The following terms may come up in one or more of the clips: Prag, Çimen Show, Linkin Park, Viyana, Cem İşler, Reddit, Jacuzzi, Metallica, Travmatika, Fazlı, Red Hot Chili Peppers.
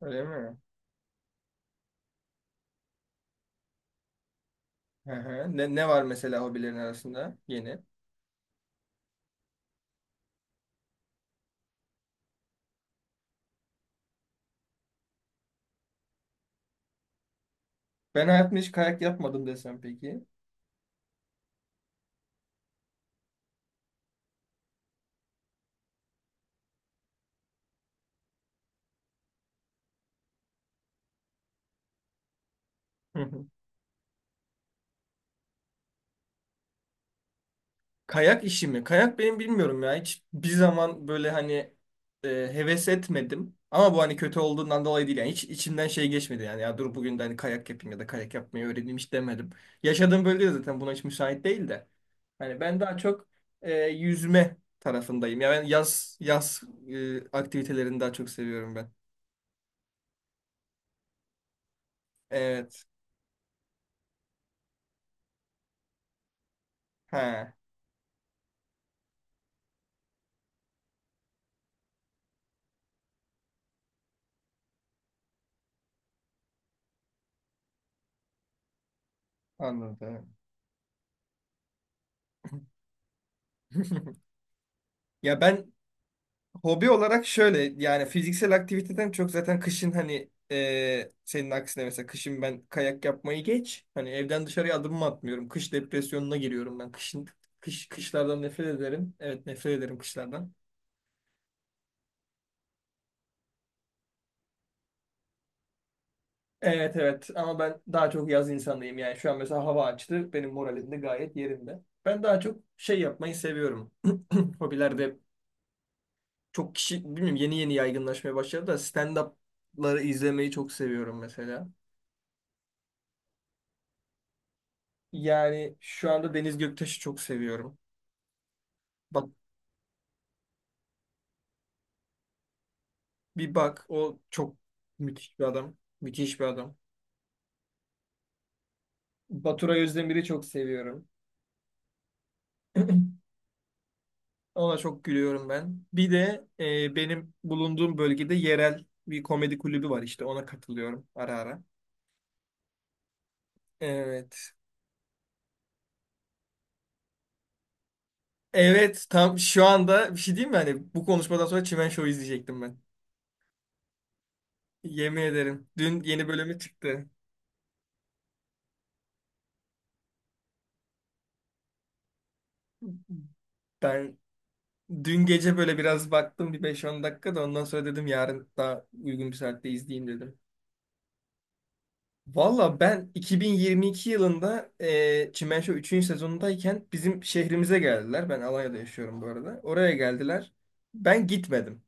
Öyle mi? Hı hı. Ne var mesela hobilerin arasında yeni? Ben hayatımda hiç kayak yapmadım desem peki. Hı hı. Kayak işi mi? Kayak benim bilmiyorum ya. Hiç bir zaman böyle hani e, heves etmedim. Ama bu hani kötü olduğundan dolayı değil. Yani hiç içimden şey geçmedi. Yani ya dur bugün de hani kayak yapayım ya da kayak yapmayı öğreneyim hiç demedim. Yaşadığım bölge de zaten buna hiç müsait değil de. Hani ben daha çok yüzme tarafındayım. Ya ben yaz aktivitelerini daha çok seviyorum ben. Evet. He. Anladım. Ya ben hobi olarak şöyle yani fiziksel aktiviteden çok zaten kışın hani senin aksine mesela kışın ben kayak yapmayı geç. Hani evden dışarıya adımımı atmıyorum. Kış depresyonuna giriyorum ben. Kışın kışlardan nefret ederim. Evet nefret ederim kışlardan. Evet evet ama ben daha çok yaz insanıyım yani şu an mesela hava açtı benim moralim de gayet yerinde. Ben daha çok şey yapmayı seviyorum. Hobilerde çok kişi bilmiyorum yeni yeni yaygınlaşmaya başladı da stand-up'ları izlemeyi çok seviyorum mesela. Yani şu anda Deniz Göktaş'ı çok seviyorum. Bak bir bak o çok müthiş bir adam. Müthiş bir adam. Baturay Özdemir'i çok seviyorum. Ona çok gülüyorum ben. Bir de benim bulunduğum bölgede yerel bir komedi kulübü var işte ona katılıyorum ara ara. Evet. Evet tam şu anda bir şey diyeyim mi? Hani bu konuşmadan sonra Çimen Show izleyecektim ben. Yemin ederim. Dün yeni bölümü çıktı. Ben dün gece böyle biraz baktım bir beş on dakika da ondan sonra dedim yarın daha uygun bir saatte izleyeyim dedim. Valla ben 2022 yılında Çimen Show 3. sezonundayken bizim şehrimize geldiler. Ben Alanya'da yaşıyorum bu arada. Oraya geldiler. Ben gitmedim.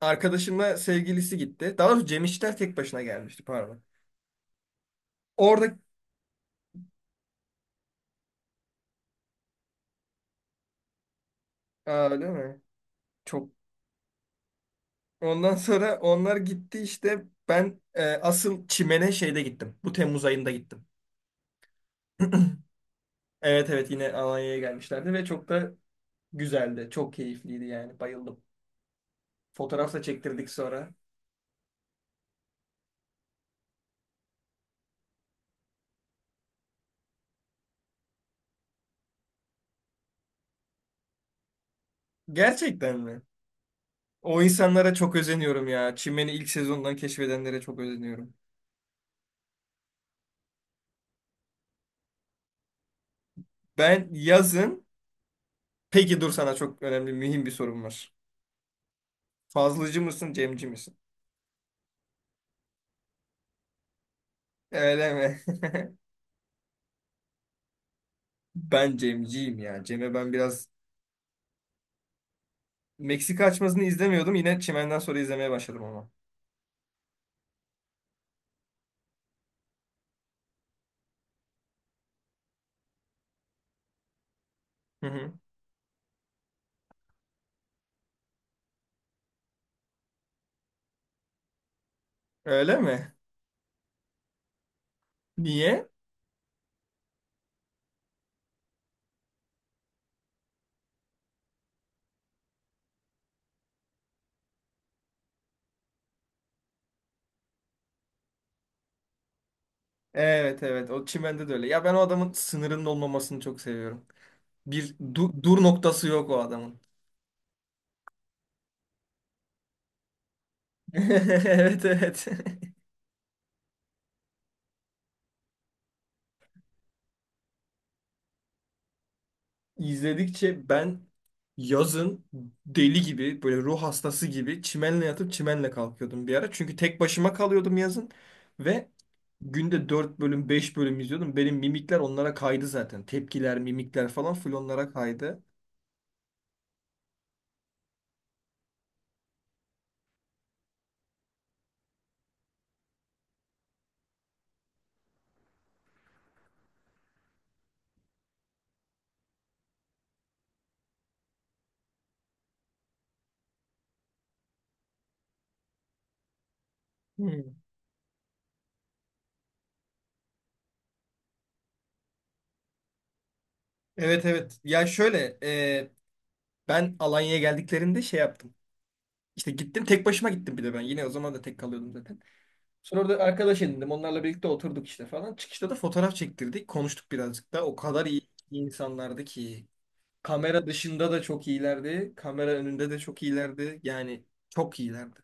Arkadaşımla sevgilisi gitti. Daha doğrusu Cem İşler tek başına gelmişti pardon. Orada. Aa, öyle mi? Çok. Ondan sonra onlar gitti işte. Ben asıl Çimen'e şeyde gittim. Bu Temmuz ayında gittim. Evet evet yine Alanya'ya gelmişlerdi ve çok da güzeldi. Çok keyifliydi yani. Bayıldım. Fotoğraf da çektirdik sonra. Gerçekten mi? O insanlara çok özeniyorum ya. Çimen'i ilk sezondan keşfedenlere çok özeniyorum. Ben yazın... Peki dur sana çok önemli, mühim bir sorum var. Fazlıcı mısın, Cemci misin? Öyle mi? Ben Cemciyim ya. Cem'e ben biraz. Meksika açmasını izlemiyordum. Yine Çimen'den sonra izlemeye başladım ama. Hı hı. Öyle mi? Niye? Evet evet o çimende de öyle. Ya ben o adamın sınırının olmamasını çok seviyorum. Bir dur noktası yok o adamın. Evet evet. İzledikçe ben yazın deli gibi böyle ruh hastası gibi çimenle yatıp çimenle kalkıyordum bir ara. Çünkü tek başıma kalıyordum yazın ve günde 4 bölüm 5 bölüm izliyordum. Benim mimikler onlara kaydı zaten. Tepkiler, mimikler falan full onlara kaydı. Hmm. Evet evet. Ya şöyle, ben Alanya'ya geldiklerinde şey yaptım. İşte gittim tek başıma gittim bir de ben. Yine o zaman da tek kalıyordum zaten. Sonra orada arkadaş edindim. Onlarla birlikte oturduk işte falan. Çıkışta da fotoğraf çektirdik. Konuştuk birazcık da. O kadar iyi insanlardı ki. Kamera dışında da çok iyilerdi. Kamera önünde de çok iyilerdi. Yani çok iyilerdi.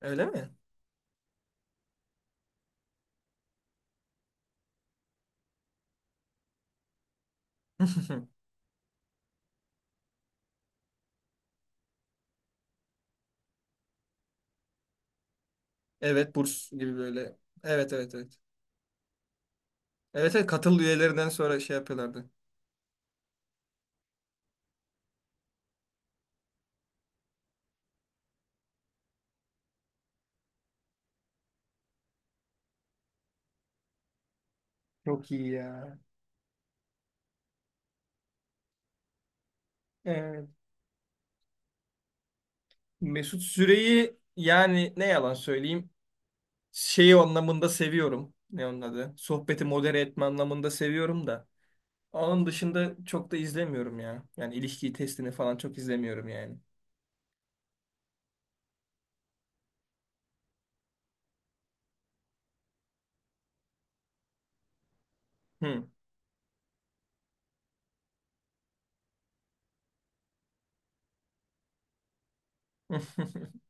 Öyle mi? Evet burs gibi böyle. Evet evet evet. Evet evet katıl üyelerinden sonra şey yapıyorlardı. Çok iyi ya. Evet. Mesut Süre'yi yani ne yalan söyleyeyim şeyi anlamında seviyorum. Ne onun adı? Sohbeti modere etme anlamında seviyorum da. Onun dışında çok da izlemiyorum ya. Yani ilişki testini falan çok izlemiyorum yani. Hı.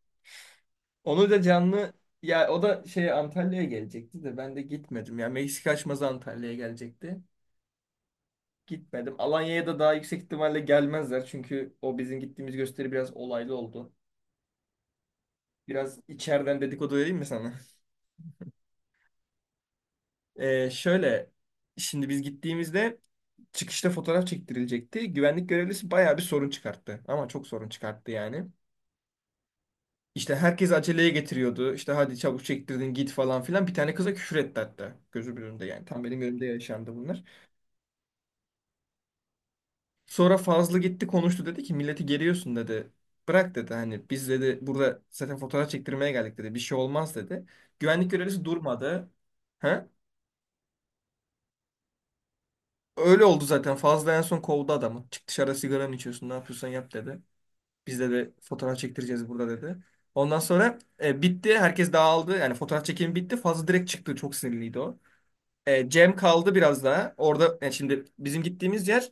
Onu da canlı ya o da şey Antalya'ya gelecekti de ben de gitmedim. Ya Meksika açmazı Antalya'ya gelecekti. Gitmedim. Alanya'ya da daha yüksek ihtimalle gelmezler. Çünkü o bizim gittiğimiz gösteri biraz olaylı oldu. Biraz içeriden dedikodu vereyim mi sana? Şöyle şimdi biz gittiğimizde çıkışta fotoğraf çektirilecekti. Güvenlik görevlisi bayağı bir sorun çıkarttı. Ama çok sorun çıkarttı yani. İşte herkes aceleye getiriyordu. İşte hadi çabuk çektirdin git falan filan. Bir tane kıza küfür etti hatta. Gözümün önünde yani. Tam benim önümde yaşandı bunlar. Sonra Fazlı gitti konuştu dedi ki milleti geriyorsun dedi. Bırak dedi hani biz dedi burada zaten fotoğraf çektirmeye geldik dedi. Bir şey olmaz dedi. Güvenlik görevlisi durmadı. He? Öyle oldu zaten. Fazla en son kovdu adamı. Çık dışarı sigaranı içiyorsun ne yapıyorsan yap dedi. Bizde de fotoğraf çektireceğiz burada dedi. Ondan sonra bitti. Herkes dağıldı. Yani fotoğraf çekimi bitti. Fazla direkt çıktı. Çok sinirliydi o. Cem kaldı biraz daha. Orada yani şimdi bizim gittiğimiz yer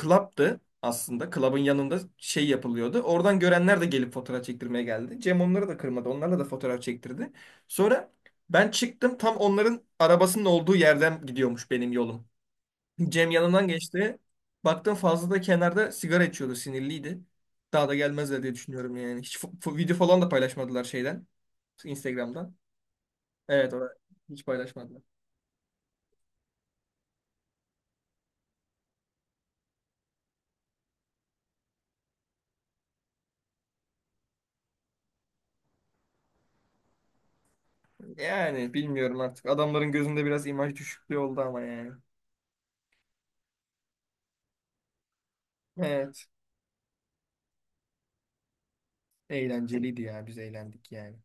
club'tı aslında. Club'ın yanında şey yapılıyordu. Oradan görenler de gelip fotoğraf çektirmeye geldi. Cem onları da kırmadı. Onlarla da fotoğraf çektirdi. Sonra ben çıktım. Tam onların arabasının olduğu yerden gidiyormuş benim yolum. Cem yanından geçti. Baktım fazla da kenarda sigara içiyordu, sinirliydi. Daha da gelmezler diye düşünüyorum yani. Hiç video falan da paylaşmadılar şeyden, Instagram'dan. Evet, o hiç paylaşmadılar. Yani bilmiyorum artık. Adamların gözünde biraz imaj düşüklüğü oldu ama yani. Evet, eğlenceliydi ya. Biz eğlendik yani.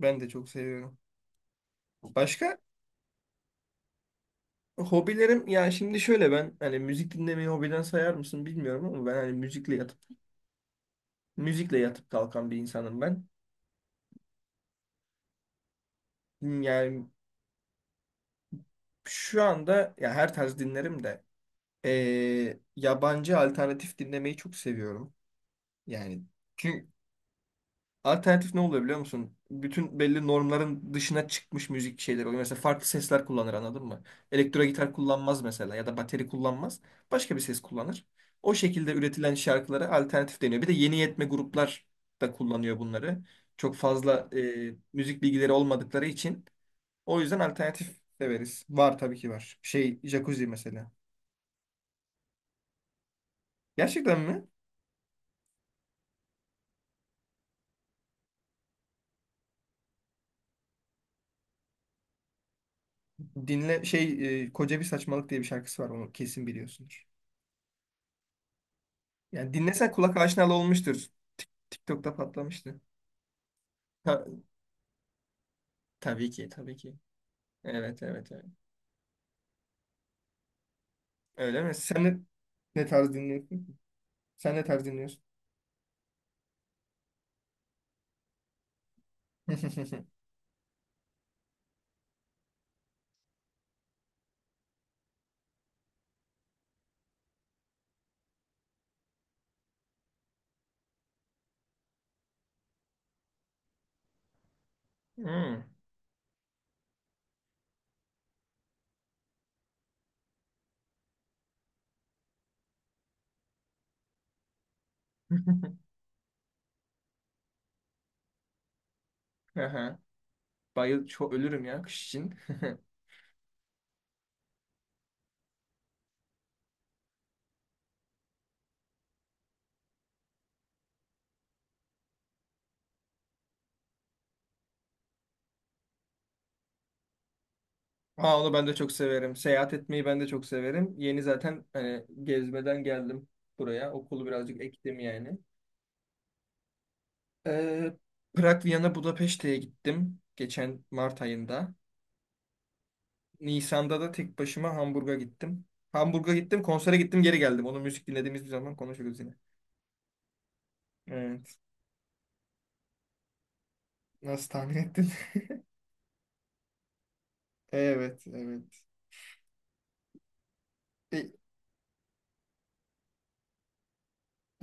Ben de çok seviyorum. Başka hobilerim ya şimdi şöyle ben hani müzik dinlemeyi hobiden sayar mısın bilmiyorum ama ben hani müzikle yatıp kalkan bir insanım ben. Hmm, yani şu anda ya her tarz dinlerim de yabancı alternatif dinlemeyi çok seviyorum. Yani çünkü alternatif ne oluyor biliyor musun? Bütün belli normların dışına çıkmış müzik şeyleri oluyor. Mesela farklı sesler kullanır anladın mı? Elektro gitar kullanmaz mesela ya da bateri kullanmaz. Başka bir ses kullanır. O şekilde üretilen şarkılara alternatif deniyor. Bir de yeni yetme gruplar da kullanıyor bunları. Çok fazla müzik bilgileri olmadıkları için. O yüzden alternatif severiz. Var tabii ki var. Şey, Jacuzzi mesela. Gerçekten mi? Dinle şey koca bir saçmalık diye bir şarkısı var onu kesin biliyorsundur. Yani dinlesen kulak aşinalı olmuştur. TikTok'ta patlamıştı. Ta- tabii ki tabii ki. Evet evet evet. Öyle mi? Ne tarz dinliyorsun? Sen ne tarz dinliyorsun? Hmm. Aha. Bayıl çok ölürüm ya kış için. Aa, onu ben de çok severim. Seyahat etmeyi ben de çok severim. Yeni zaten hani gezmeden geldim buraya. Okulu birazcık ektim yani. Ee, Prag, Viyana, Budapeşte'ye gittim geçen Mart ayında. Nisan'da da tek başıma Hamburg'a gittim. Hamburg'a gittim, konsere gittim, geri geldim. Onu müzik dinlediğimiz bir zaman konuşuruz yine. Evet. Nasıl tahmin ettin? Evet, evet. E,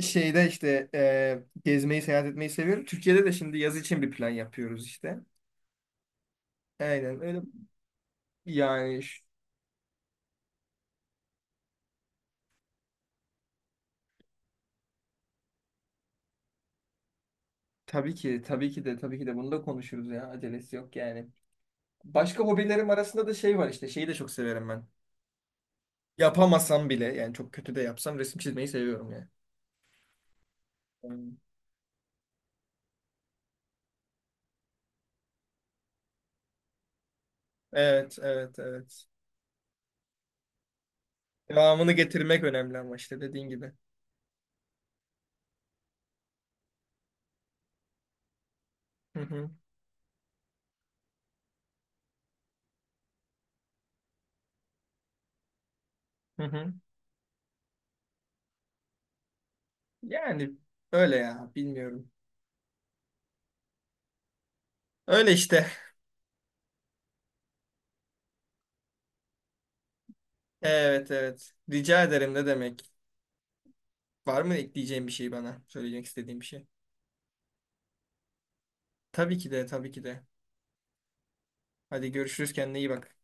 Şeyde işte gezmeyi, seyahat etmeyi seviyorum. Türkiye'de de şimdi yaz için bir plan yapıyoruz işte. Aynen öyle. Yani ş- tabii ki, tabii ki de, tabii ki de bunu da konuşuruz ya. Acelesi yok yani. Başka hobilerim arasında da şey var işte. Şeyi de çok severim ben. Yapamasam bile yani çok kötü de yapsam resim çizmeyi seviyorum yani. Hmm. Evet, evet, evet. Devamını getirmek önemli ama işte dediğin gibi. Hı hı, hı hı. Yani öyle ya bilmiyorum. Öyle işte. Evet, evet. Rica ederim ne demek. Var mı ekleyeceğin bir şey bana? Söyleyecek istediğim bir şey. Tabii ki de, tabii ki de. Hadi görüşürüz kendine iyi bak.